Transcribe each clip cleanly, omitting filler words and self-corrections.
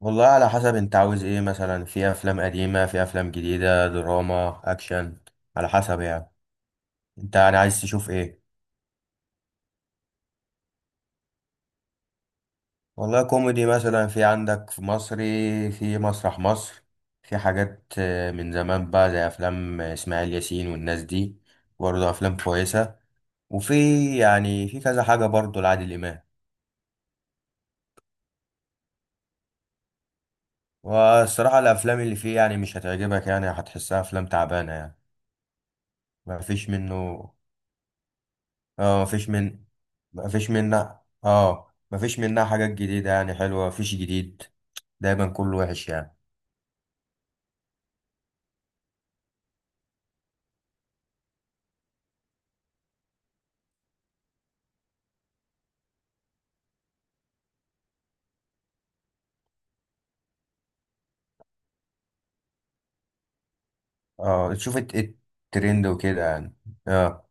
والله، على حسب انت عاوز ايه. مثلا في افلام قديمة، في افلام جديدة، دراما، اكشن. على حسب يعني. انت يعني عايز تشوف ايه؟ والله كوميدي مثلا، في عندك في مصري، في مسرح مصر، في حاجات من زمان بقى، زي افلام اسماعيل ياسين والناس دي، برضه افلام كويسة. وفي، يعني في كذا حاجة برضه لعادل امام. والصراحة الافلام اللي فيه يعني مش هتعجبك، يعني هتحسها افلام تعبانة يعني. مفيش منه اه مفيش من مفيش منها اه مفيش منها حاجات جديدة يعني حلوة، مفيش جديد. دايما كله وحش يعني. اه، تشوف الترند وكده يعني. اه.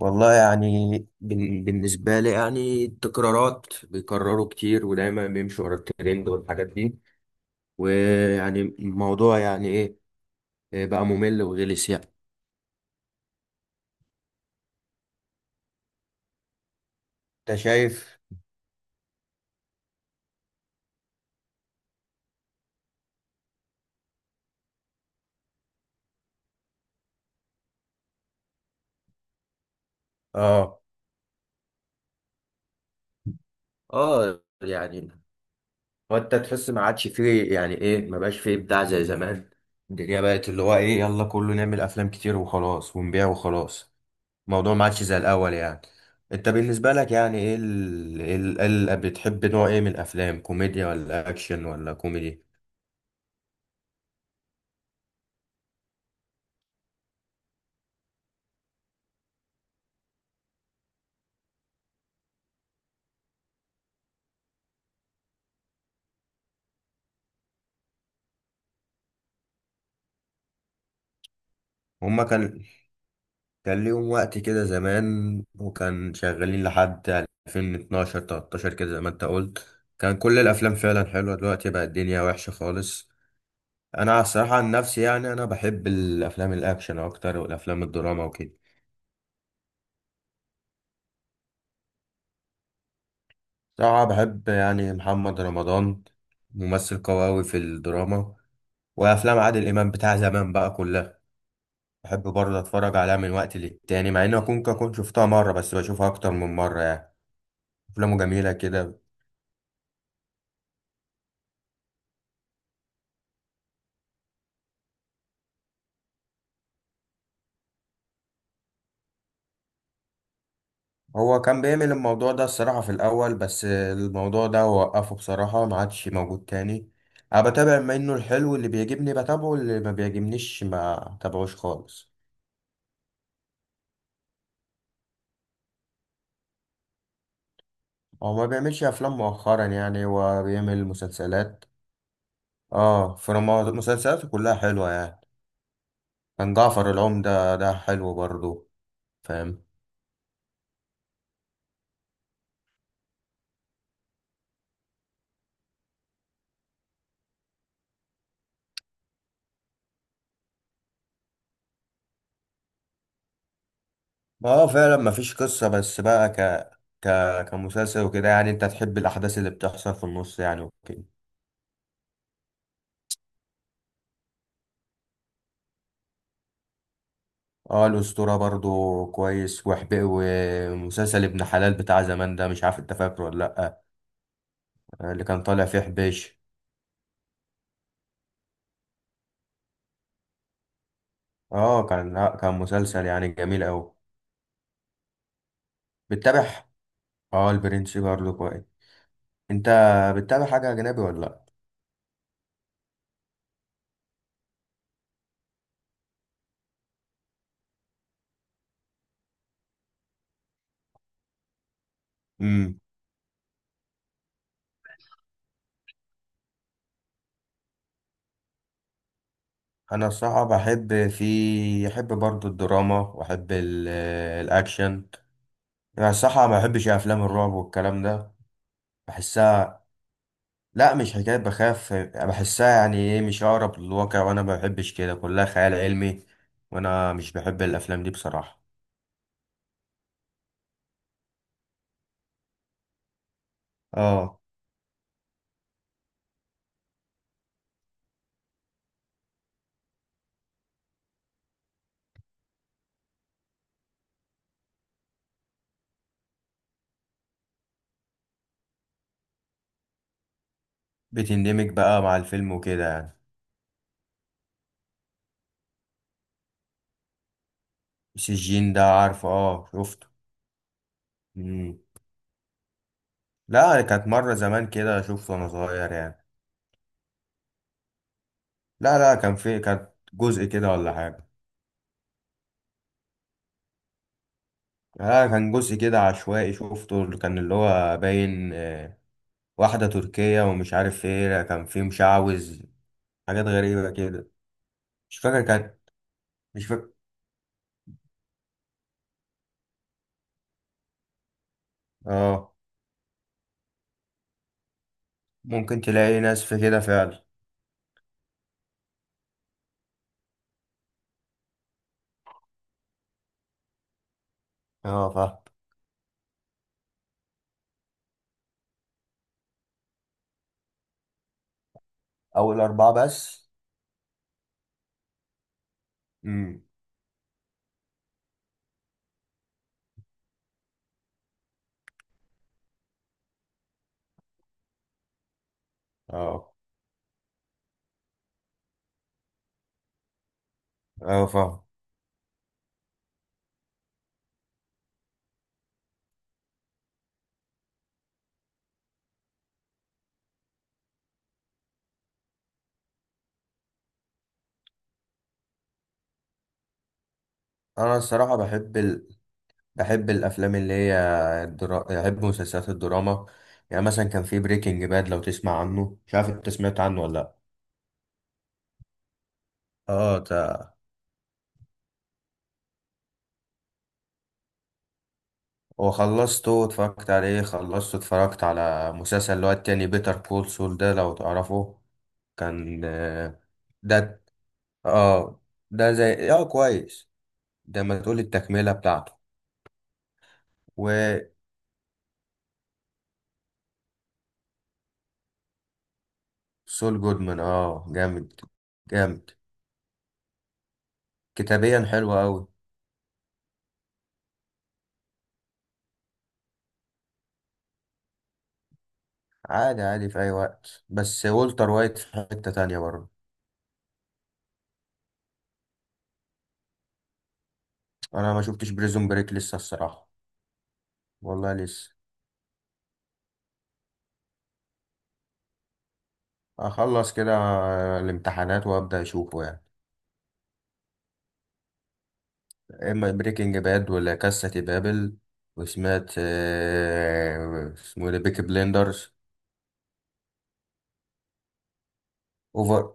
والله يعني، بالنسبة لي يعني التكرارات بيكرروا كتير، ودايما بيمشوا ورا الترند والحاجات دي. ويعني الموضوع يعني ايه، إيه بقى ممل وغلس يعني. انت شايف؟ اه، اه يعني. وانت تحس ما عادش فيه، يعني ايه، ما بقاش فيه ابداع زي زمان. الدنيا بقت اللي هو ايه، يلا كله نعمل افلام كتير وخلاص ونبيع وخلاص. الموضوع ما عادش زي الاول يعني. انت بالنسبة لك يعني ايه، بتحب نوع ايه من الافلام، كوميديا ولا اكشن ولا كوميدي؟ هما كان ليهم وقت كده زمان، وكان شغالين لحد 2012 13 كده زي ما انت قلت. كان كل الافلام فعلا حلوة، دلوقتي بقى الدنيا وحشة خالص. انا الصراحه عن نفسي يعني، انا بحب الافلام الاكشن اكتر والافلام الدراما وكده. صراحه بحب يعني محمد رمضان، ممثل قوي أوي في الدراما. وافلام عادل امام بتاع زمان بقى كلها بحب برضه اتفرج عليها من وقت للتاني، مع اني اكون كنت شفتها مره، بس بشوفها اكتر من مره يعني. افلامه جميله كده. هو كان بيعمل الموضوع ده الصراحه في الاول، بس الموضوع ده وقفه بصراحه، ما عادش موجود تاني. انا بتابع منه الحلو اللي بيعجبني بتابعه، اللي ما بيعجبنيش ما تابعوش خالص. هو ما بيعملش افلام مؤخرا يعني، هو بيعمل مسلسلات. اه، فما مسلسلاته كلها حلوه يعني. كان جعفر العمدة ده حلو برضو، فاهم؟ اه، فعلا ما فيش قصه، بس بقى ك ك كمسلسل وكده يعني. انت تحب الاحداث اللي بتحصل في النص يعني وكده. اه، الاسطوره برضو كويس وحبي. ومسلسل ابن حلال بتاع زمان ده، مش عارف انت فاكره ولا لا؟ اللي كان طالع فيه حبيش. اه، كان لا، كان مسلسل يعني جميل قوي. بتتابع؟ اه، البرنس برضو كويس. انت بتتابع حاجة أجنبي ولا لأ؟ امم. أنا الصراحة بحب، في أحب برضو الدراما، وأحب الأكشن. أنا الصراحة ما بحبش أفلام الرعب والكلام ده، بحسها. لأ، مش حكاية بخاف، بحسها يعني إيه، مش أقرب للواقع، وأنا ما بحبش كده، كلها خيال علمي. وأنا مش بحب الأفلام دي بصراحة. آه، بتندمج بقى مع الفيلم وكده يعني. السجين ده عارفه، آه شفته. مم. لأ، كانت مرة زمان كده شفته وأنا صغير يعني. لا، لا، كان في، كانت جزء كده ولا حاجة. لا، كان جزء كده عشوائي شفته، اللي هو باين، واحدة تركية ومش عارف ايه. لا، كان في مشعوذ، حاجات غريبة كده. مش فاكر كان مش فاكر. اه، ممكن تلاقي ناس في كده فعلا. اه، فاهم. أول أربعة بس. امم. اه، اه فاهم. أنا الصراحة بحب الأفلام اللي هي بحب مسلسلات الدراما. يعني مثلا كان في بريكنج باد، لو تسمع عنه، مش عارف انت سمعت عنه ولا لأ. اه، وخلصته واتفرجت عليه خلصته اتفرجت على مسلسل اللي هو التاني، بيتر كول سول، ده لو تعرفه كان ده اه ده زي كويس. ده ما تقول التكملة بتاعته. وسول جودمان. اه، جامد. جامد كتابيا حلو قوي. عادي عادي في اي وقت، بس والتر وايت في حتة تانية برضه. انا ما شفتش بريزون بريك لسه الصراحة. والله لسه، اخلص كده الامتحانات وابدا اشوفه يعني. اما بريكنج باد، ولا كاسة دي بابل. وسمعت اسمه إيه ده، بيكي بليندرز. اوفر.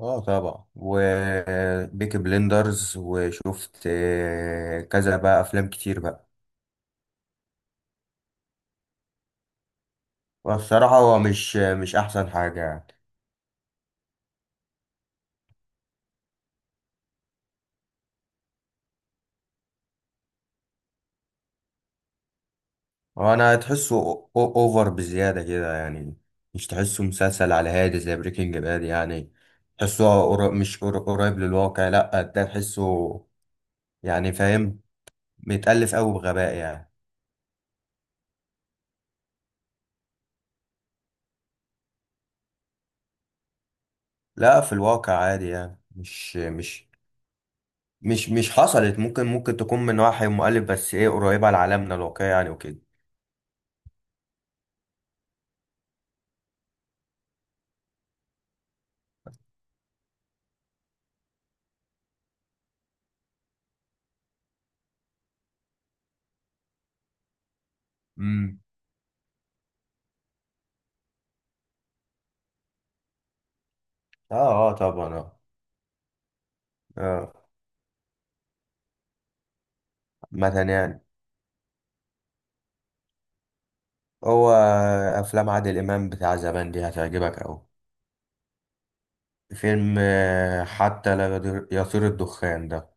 اه طبعا. وبيكي بليندرز وشفت كذا بقى افلام كتير بقى. والصراحة هو مش احسن حاجة يعني. هو، انا تحسه اوفر بزيادة كده يعني. مش تحسه مسلسل على هادي زي بريكنج باد يعني. تحسه قر- مش قر- قريب للواقع، لا ده تحسه يعني، فاهم، متألف أوي بغباء يعني. لا، في الواقع عادي يعني، مش حصلت. ممكن تكون من وحي مؤلف، بس ايه قريبة لعالمنا الواقعي يعني وكده. امم. اه. اه طبعا. اه. اه مثلا يعني. هو افلام عادل امام بتاع زمان دي هتعجبك اوي. فيلم حتى لا يطير الدخان ده.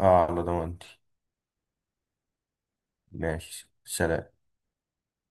اه، على ضمانتي. ماشي، سلام.